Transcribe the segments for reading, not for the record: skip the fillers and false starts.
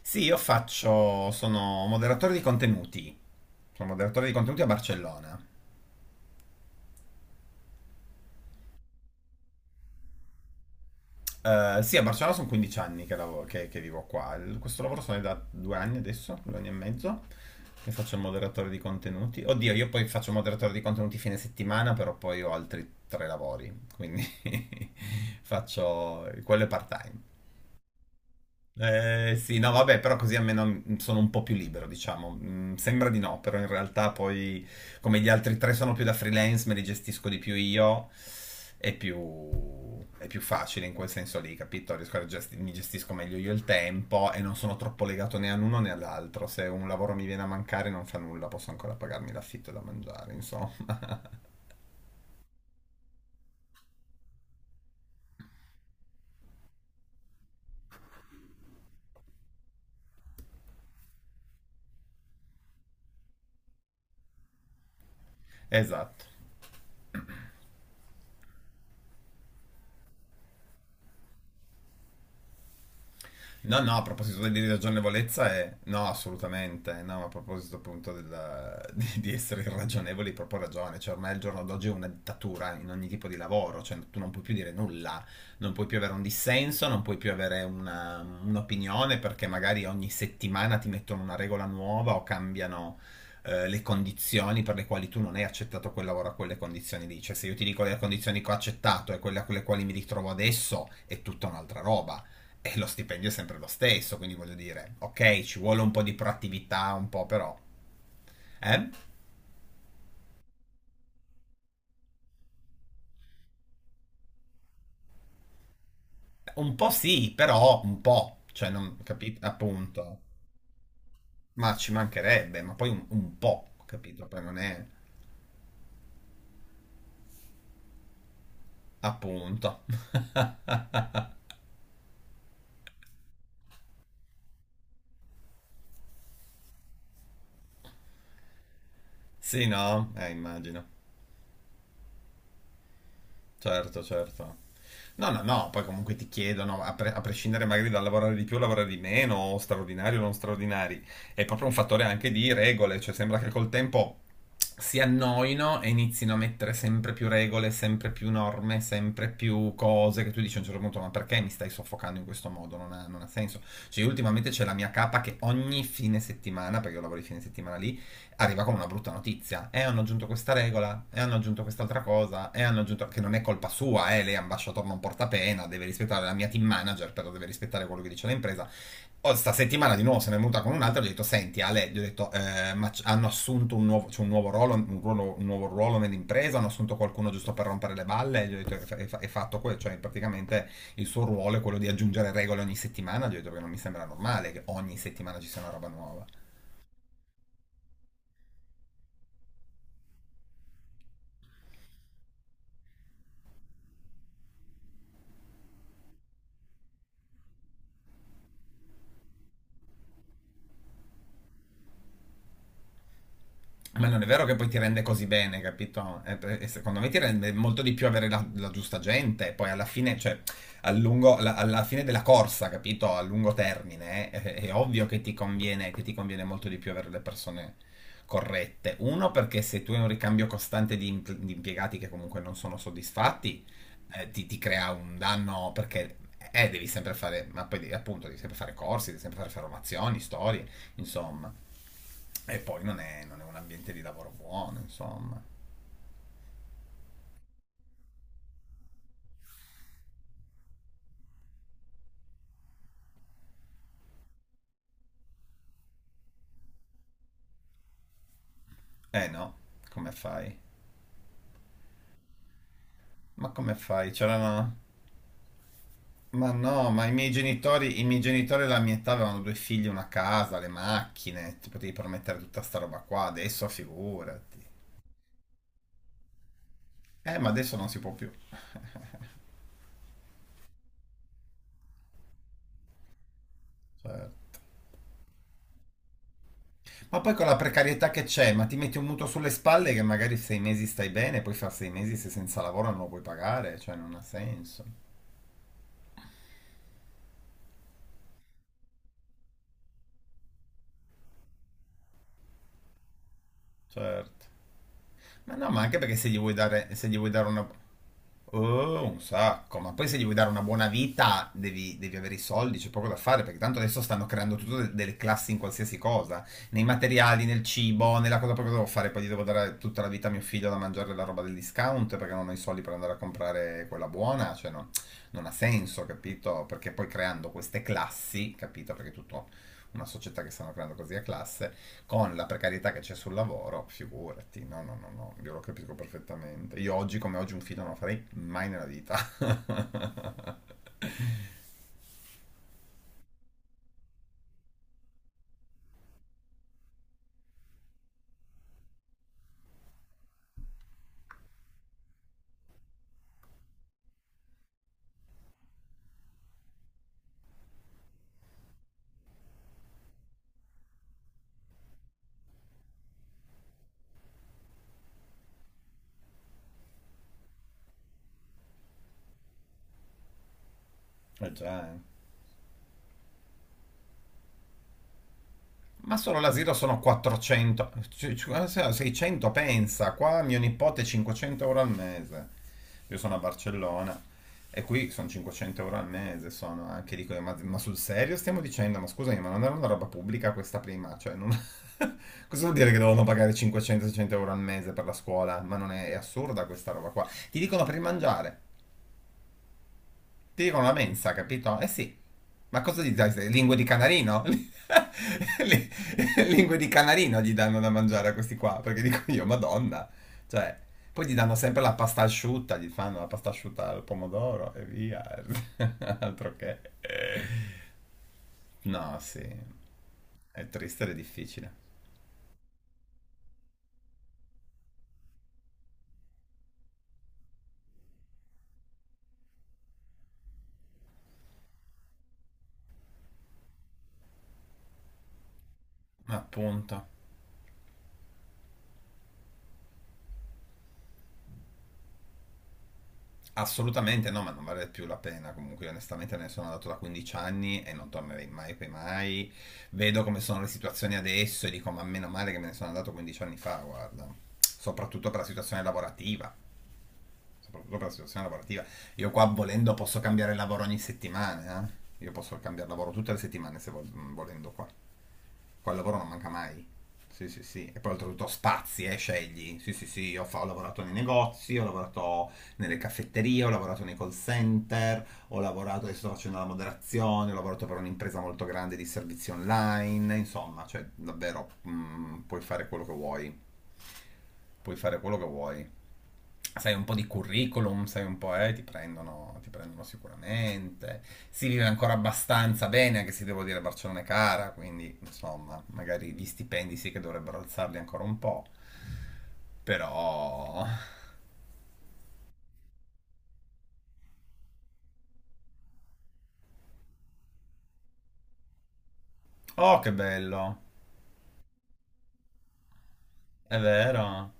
Sì, sono moderatore di contenuti a Barcellona. Sì, a Barcellona sono 15 anni che vivo qua. Questo lavoro sono da due anni adesso, due anni e mezzo, che faccio il moderatore di contenuti. Oddio, io poi faccio il moderatore di contenuti fine settimana, però poi ho altri tre lavori, quindi faccio quello è part-time. Sì, no, vabbè, però così almeno sono un po' più libero, diciamo. Sembra di no, però in realtà poi, come gli altri tre sono più da freelance, me li gestisco di più io, è più, è più facile in quel senso lì, capito? Mi gestisco meglio io il tempo e non sono troppo legato né all'uno né all'altro. Se un lavoro mi viene a mancare non fa nulla, posso ancora pagarmi l'affitto e da mangiare, insomma. Esatto. No, no, a proposito di ragionevolezza, no, assolutamente, no, a proposito appunto di essere irragionevoli, hai proprio ragione, cioè ormai al giorno d'oggi è una dittatura in ogni tipo di lavoro, cioè tu non puoi più dire nulla, non puoi più avere un dissenso, non puoi più avere un'opinione perché magari ogni settimana ti mettono una regola nuova o cambiano le condizioni per le quali tu non hai accettato quel lavoro a quelle condizioni lì, cioè se io ti dico le condizioni che ho accettato e quelle a quelle quali mi ritrovo adesso è tutta un'altra roba. E lo stipendio è sempre lo stesso, quindi voglio dire, ok, ci vuole un po' di proattività, un po' però. Eh? Un po' sì, però un po', cioè non capito, appunto. Ma ci mancherebbe, ma poi un po', capito? Poi non è appunto. Sì, no? Immagino. Certo, certo. No, no, no, poi comunque ti chiedono, a prescindere magari dal lavorare di più o lavorare di meno, o straordinari o non straordinari, è proprio un fattore anche di regole, cioè sembra che col tempo si annoino e inizino a mettere sempre più regole, sempre più norme, sempre più cose che tu dici a un certo punto, ma perché mi stai soffocando in questo modo? Non ha senso. Cioè, io ultimamente c'è la mia capa che ogni fine settimana, perché io lavoro di fine settimana lì, arriva con una brutta notizia. E hanno aggiunto questa regola, e hanno aggiunto quest'altra cosa, e hanno aggiunto che non è colpa sua, lei è ambasciatore non porta pena, deve rispettare la mia team manager, però deve rispettare quello che dice l'impresa. O sta settimana di nuovo se ne è venuta con un'altra, gli ho detto, senti Ale, gli ho detto, ma hanno assunto un nuovo, cioè un nuovo ruolo, un nuovo ruolo nell'impresa, hanno assunto qualcuno giusto per rompere le balle, gli ho detto, è fatto quello, cioè praticamente il suo ruolo è quello di aggiungere regole ogni settimana, gli ho detto che non mi sembra normale che ogni settimana ci sia una roba nuova. Ma non è vero che poi ti rende così bene, capito? E secondo me ti rende molto di più avere la giusta gente, poi alla fine, cioè, alla fine della corsa, capito? A lungo termine, è ovvio che ti conviene molto di più avere le persone corrette. Uno, perché se tu hai un ricambio costante di impiegati che comunque non sono soddisfatti, ti crea un danno perché... devi sempre fare, ma poi appunto devi sempre fare corsi, devi sempre fare formazioni, storie, insomma. E poi non è un ambiente di lavoro buono, insomma. Eh no, come fai? Ma come fai? C'erano... Ma no, ma i miei genitori della mia età avevano due figli, una casa, le macchine, ti potevi permettere tutta sta roba qua, adesso figurati. Ma adesso non si può più. Certo. Ma poi con la precarietà che c'è, ma ti metti un mutuo sulle spalle che magari sei mesi stai bene, poi fra sei mesi sei senza lavoro non lo puoi pagare, cioè non ha senso. Certo. Ma no, ma anche perché se gli vuoi dare una... Oh, un sacco, ma poi se gli vuoi dare una buona vita devi avere i soldi, c'è poco da fare, perché tanto adesso stanno creando tutte delle classi in qualsiasi cosa, nei materiali, nel cibo, nella cosa proprio che devo fare, poi gli devo dare tutta la vita a mio figlio da mangiare la roba del discount perché non ho i soldi per andare a comprare quella buona, cioè non ha senso, capito? Perché poi creando queste classi, capito? Perché è tutto una società che stanno creando così a classe, con la precarietà che c'è sul lavoro, figurati, no, no, no, no, io lo capisco perfettamente. Io oggi come oggi un film non lo farei mai nella vita. Eh già, eh. Ma solo l'asilo sono 400, 600 pensa, qua mio nipote 500 euro al mese, io sono a Barcellona e qui sono 500 euro al mese, sono anche lì, ma sul serio stiamo dicendo, ma scusami, ma non era una roba pubblica questa prima, cioè non... Cosa vuol dire che devono pagare 500-600 euro al mese per la scuola? Ma non è, è assurda questa roba qua. Ti dicono per il mangiare, ti dicono la mensa, capito? Eh sì, ma cosa gli dai? Lingue di canarino? Lingue di canarino gli danno da mangiare a questi qua, perché dico io, Madonna. Cioè, poi gli danno sempre la pasta asciutta, gli fanno la pasta asciutta al pomodoro e via. Altro che. No, sì, è triste ed è difficile. Ma appunto. Assolutamente no, ma non vale più la pena. Comunque, io onestamente, me ne sono andato da 15 anni e non tornerei mai, poi mai. Vedo come sono le situazioni adesso e dico: ma meno male che me ne sono andato 15 anni fa, guarda. Soprattutto per la situazione lavorativa. Soprattutto per la situazione lavorativa. Io qua volendo posso cambiare lavoro ogni settimana, eh. Io posso cambiare lavoro tutte le settimane se volendo qua. Qua il lavoro non manca mai. Sì, sì, sì. E poi oltretutto spazi, scegli. Sì, sì, sì, io ho lavorato nei negozi, ho lavorato nelle caffetterie, ho lavorato nei call center, ho lavorato, adesso sto facendo la moderazione, ho lavorato per un'impresa molto grande di servizi online, insomma, cioè davvero puoi fare quello che vuoi, puoi fare quello che vuoi sai un po' di curriculum, sai un po', ti prendono sicuramente. Si vive ancora abbastanza bene, anche se devo dire Barcellona è cara, quindi insomma, magari gli stipendi sì che dovrebbero alzarli ancora un po'. Però... Oh, che bello! È vero?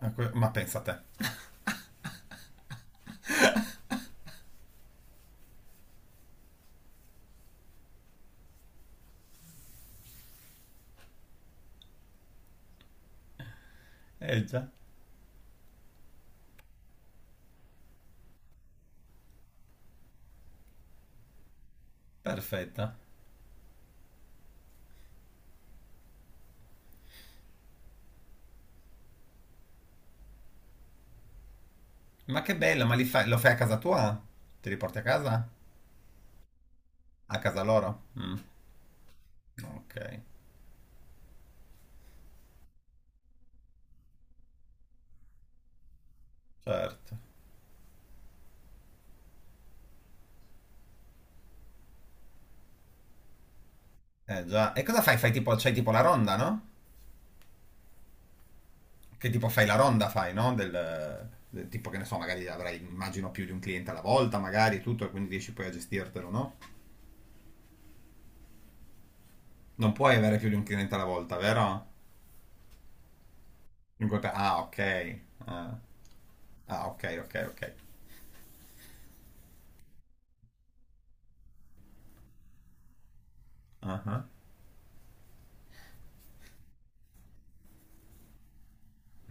Ma pensa a te. Eh già, perfetto. Ma che bello, ma lo fai a casa tua? Ti riporti a casa? A casa loro? Mm, ok, certo. Eh già. E cosa fai? Fai tipo, c'hai tipo la ronda, no? Che tipo fai la ronda, fai, no? Del tipo che ne so, magari avrai, immagino, più di un cliente alla volta, magari e tutto, e quindi riesci poi a gestirtelo, no? Non puoi avere più di un cliente alla volta, vero? Ah, ok. Ah, ah, ok, ok, ok. Ah,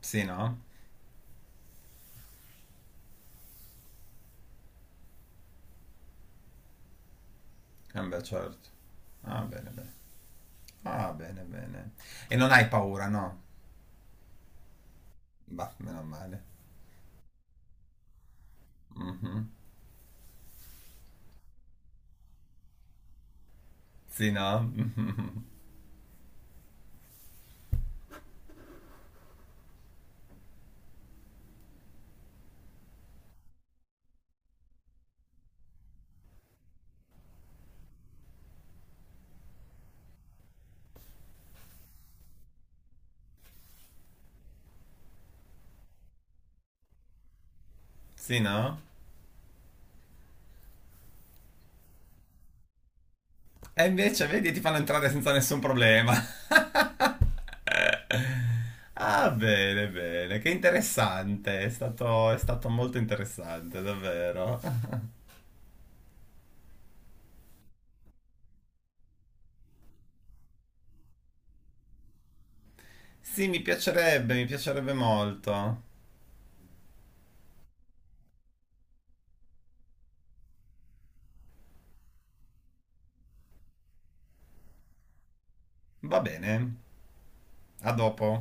sì, no? Eh beh, certo. Ah, bene, bene. Ah, bene, bene. E non hai paura, no? Bah, meno male. Mhm. Sì, no? Mhm. Sì, no? E invece, vedi, ti fanno entrare senza nessun problema. Ah, bene, bene, che interessante, è stato molto interessante, davvero. Sì, mi piacerebbe molto. Va bene, a dopo.